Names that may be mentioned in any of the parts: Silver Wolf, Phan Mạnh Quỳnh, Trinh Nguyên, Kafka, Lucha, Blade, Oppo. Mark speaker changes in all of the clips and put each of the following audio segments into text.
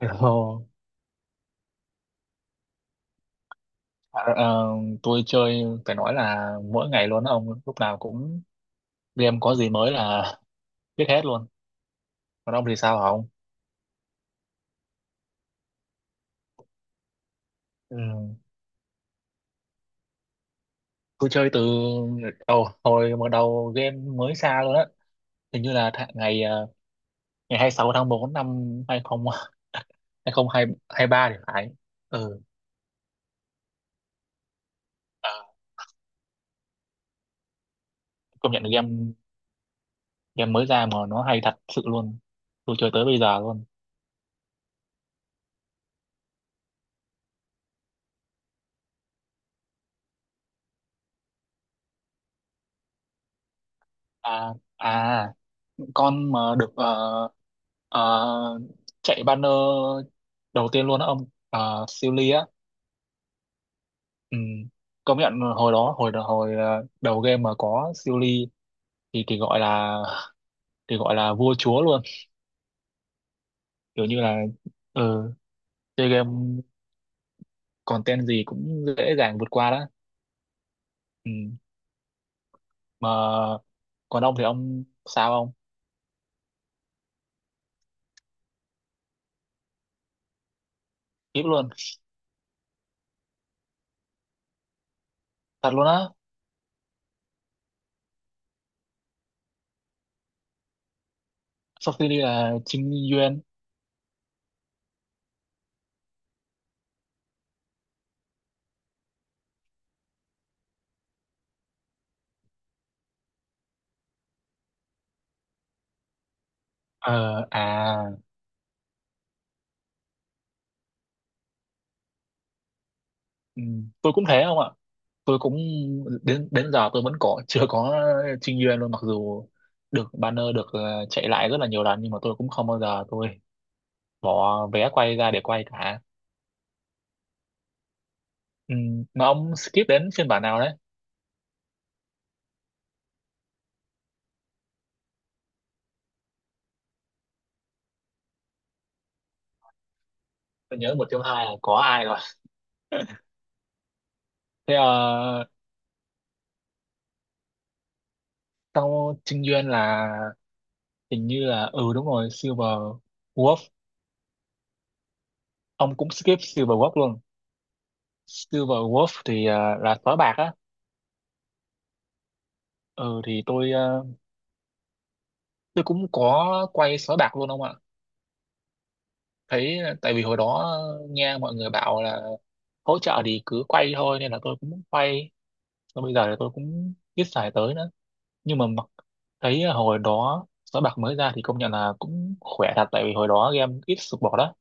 Speaker 1: Hello. À, ờ, tôi chơi phải nói là mỗi ngày luôn đó ông, lúc nào cũng game có gì mới là biết hết luôn. Còn ông thì sao hả ông? Ừ. Tôi chơi từ đầu, hồi mà đầu game mới ra luôn á, hình như là ngày ngày 26 tháng 4 năm 2023 thì phải. Ừ. à, Công nhận là game game mới ra mà nó hay thật sự luôn, tôi chơi tới bây giờ luôn. à à con mà được ờ, chạy banner đầu tiên luôn á ông, siêu ly á. Ừ. Công nhận hồi đó hồi hồi ờ, đầu game mà có siêu ly thì thì gọi là thì gọi là vua chúa luôn. Kiểu như là ừ, chơi game content gì cũng dễ dàng vượt qua đó. Ừ. Mà còn ông thì ông sao ông? Tiếp luôn, thật luôn á. Sau khi đi là Trinh Nguyên. ờ à ừ. Tôi cũng thế không ạ, tôi cũng đến đến giờ tôi vẫn có chưa có Trinh Nguyên luôn, mặc dù được banner, được chạy lại rất là nhiều lần, nhưng mà tôi cũng không bao giờ tôi bỏ vé quay ra để quay cả. Ừ, mà ông skip đến phiên bản nào đấy? Tôi nhớ một trong hai là có ai rồi. Thế sau Trinh Nguyên là hình như là ừ đúng rồi silver wolf. Ông cũng skip silver wolf luôn. Silver wolf thì là sói bạc á. Ừ thì tôi tôi cũng có quay sói bạc luôn ông ạ. Thấy tại vì hồi đó nghe mọi người bảo là hỗ trợ thì cứ quay thôi, nên là tôi cũng quay. Và bây giờ thì tôi cũng ít xài tới nữa, nhưng mà thấy hồi đó sới bạc mới ra thì công nhận là cũng khỏe thật, tại vì hồi đó game ít sụp bỏ đó.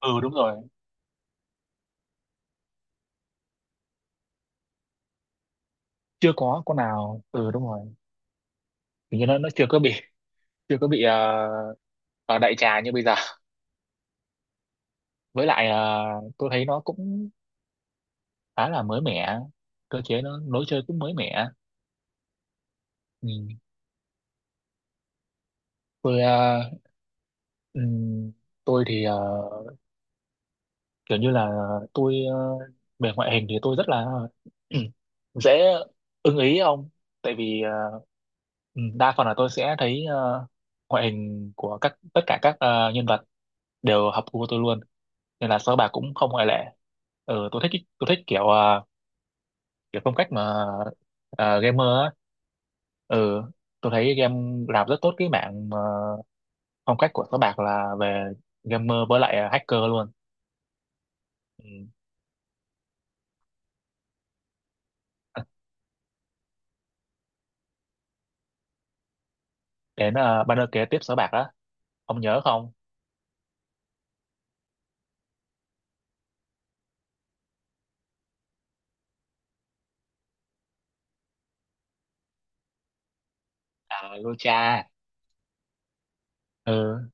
Speaker 1: Ừ đúng rồi, chưa có con nào. Ừ đúng rồi, hình như nó chưa có bị, chưa có bị ở đại trà như bây giờ. Với lại tôi thấy nó cũng khá là mới mẻ, cơ chế nó lối chơi cũng mới mẻ. Ừ. Tôi ừ, tôi thì kiểu như là tôi về ngoại hình thì tôi rất là dễ ưng ý ông, tại vì đa phần là tôi sẽ thấy ngoại hình của tất cả các nhân vật đều hợp gu tôi luôn, nên là sao bạc cũng không ngoại lệ. Ừ, tôi thích kiểu kiểu phong cách mà gamer á. Ừ, tôi thấy game làm rất tốt cái mảng mà phong cách của Sới Bạc là về gamer với lại hacker luôn. Ừ. Đến banner kế tiếp Sới Bạc đó, ông nhớ không? À, Lucha. Ừ,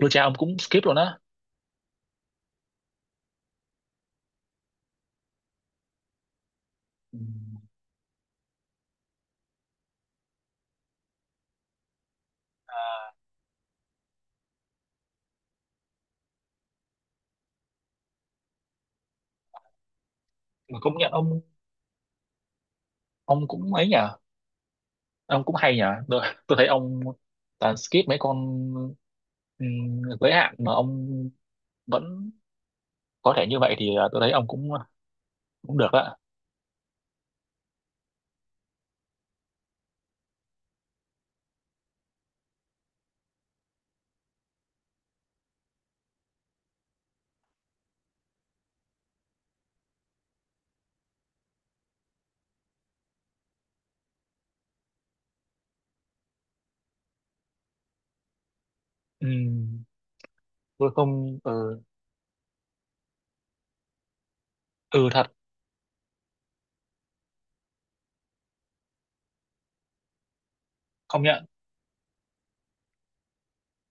Speaker 1: Lucha ông cũng skip luôn á. Ừ. À, mà công nhận ông cũng ấy nhờ, ông cũng hay nhờ tôi thấy ông toàn skip mấy con ừ, giới hạn mà ông vẫn có thể như vậy thì tôi thấy ông cũng cũng được á. Ừ, tôi không, ừ, ừ thật không nhận.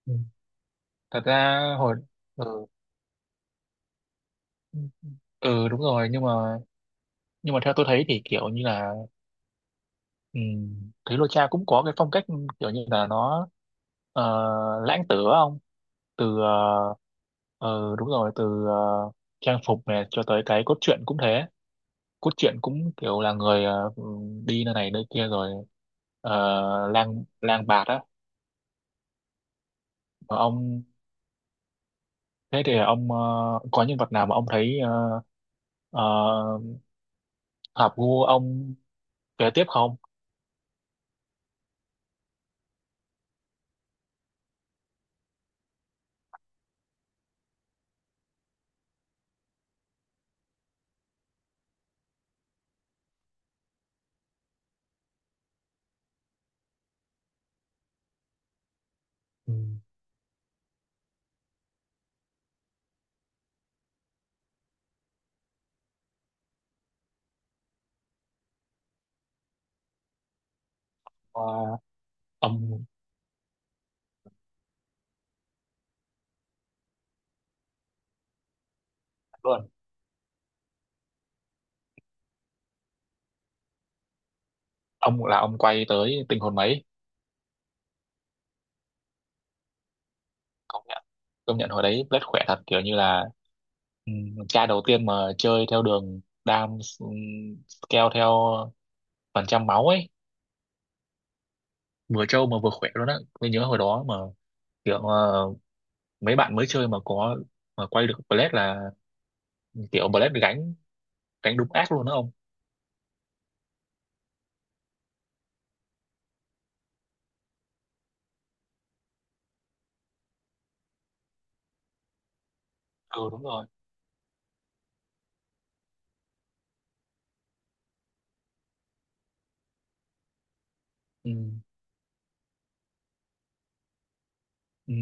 Speaker 1: Ừ. Thật ra hồi ừ, ừ đúng rồi, nhưng mà, nhưng mà theo tôi thấy thì kiểu như là ừ. Thế lô cha cũng có cái phong cách, kiểu như là nó ờ, lãng tử không? Từ đúng rồi, từ trang phục này cho tới cái cốt truyện cũng thế. Cốt truyện cũng kiểu là người đi nơi này nơi kia rồi ờ, lang lang bạt á. Mà ông, thế thì ông có nhân vật nào mà ông thấy ờ, hợp gu ông kế tiếp không? Ừ. Ờ, ông luôn, ông là ông quay tới tình hồn mấy? công nhận công nhận hồi đấy rất khỏe thật, kiểu như là ừ, ca đầu tiên mà chơi theo đường đam, ừ, scale theo phần trăm máu ấy, vừa trâu mà vừa khỏe luôn á. Tôi nhớ hồi đó mà kiểu mấy bạn mới chơi mà có mà quay được Blade là kiểu Blade gánh gánh đúng ác luôn đó ông. Ừ đúng rồi, ừ, ừ,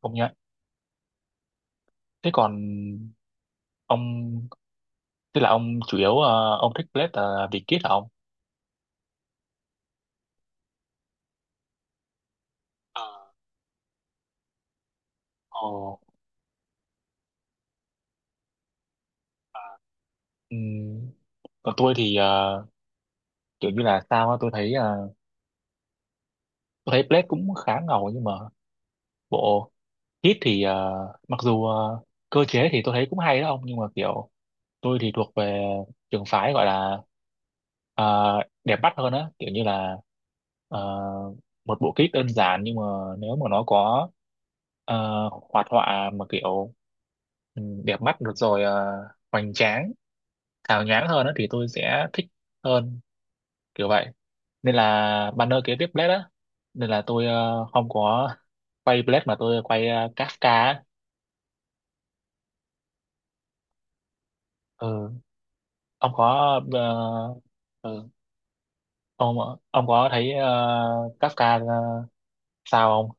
Speaker 1: công nhận. Thế còn ông, tức là ông chủ yếu ông thích Blade là vì kit hả ông? Ờ. Ồ. Ừ. Còn tôi thì kiểu như là sao á, tôi thấy Blade cũng khá ngầu nhưng mà bộ Hit thì mặc dù cơ chế thì tôi thấy cũng hay đó ông, nhưng mà kiểu tôi thì thuộc về trường phái gọi là ờ, đẹp mắt hơn á, kiểu như là ờ, một bộ kit đơn giản nhưng mà nếu mà nó có ờ, hoạt họa mà kiểu ừ, đẹp mắt được rồi hoành tráng hào nhoáng hơn á thì tôi sẽ thích hơn, kiểu vậy. Nên là banner kế tiếp Blade á, nên là tôi không có quay Blade mà tôi quay Kafka á. Ừ, ông có ừ, ông ông có thấy Kafka sao không?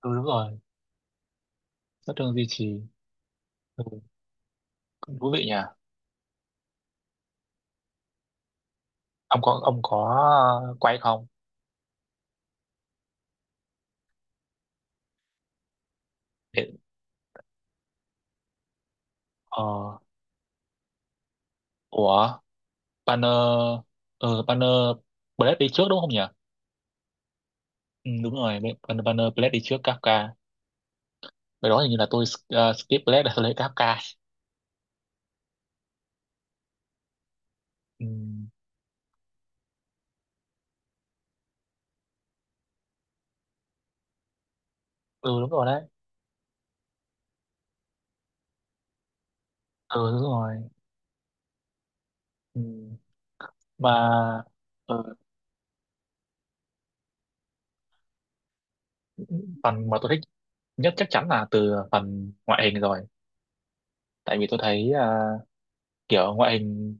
Speaker 1: Ừ đúng rồi, rất thương duy trì. Ừ. Cũng thú vị nhỉ. Ông có, ông có quay không? Để, ờ, ủa, banner, ừ, banner Blade đi trước đúng không nhỉ? Ừ, đúng rồi, banner banner Blade đi trước Kafka. Cái đó hình như là tôi skip Blade để tôi lấy Kafka. Ừ. Ừ đúng rồi đấy. Ừ đúng rồi. Ừ. Và ờ, phần mà tôi thích nhất chắc chắn là từ phần ngoại hình rồi. Tại vì tôi thấy à, kiểu ngoại hình,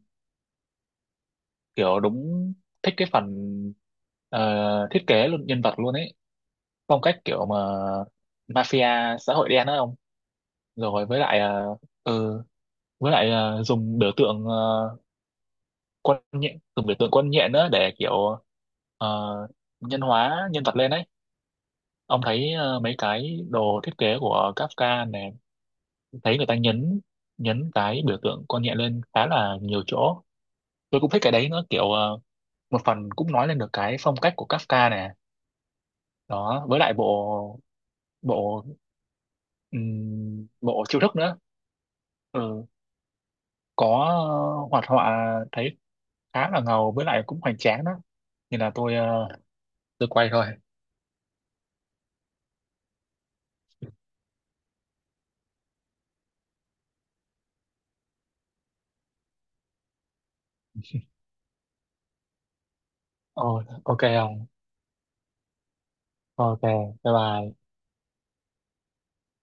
Speaker 1: kiểu đúng, thích cái phần ờ, thiết kế luôn nhân vật luôn ấy, phong cách kiểu mà mafia xã hội đen đó không? Rồi với lại ừ, với lại dùng biểu tượng quân nhện, dùng biểu tượng quân nhện nữa để kiểu ờ, nhân hóa nhân vật lên ấy. Ông thấy mấy cái đồ thiết kế của Kafka này, thấy người ta nhấn nhấn cái biểu tượng con nhện lên khá là nhiều chỗ. Tôi cũng thích cái đấy nữa, kiểu một phần cũng nói lên được cái phong cách của Kafka này đó. Với lại bộ bộ bộ chiêu thức nữa. Ừ, có hoạt họa thấy khá là ngầu, với lại cũng hoành tráng đó, nên là tôi tôi quay thôi. Ồ, ok không. Ok, bye bye.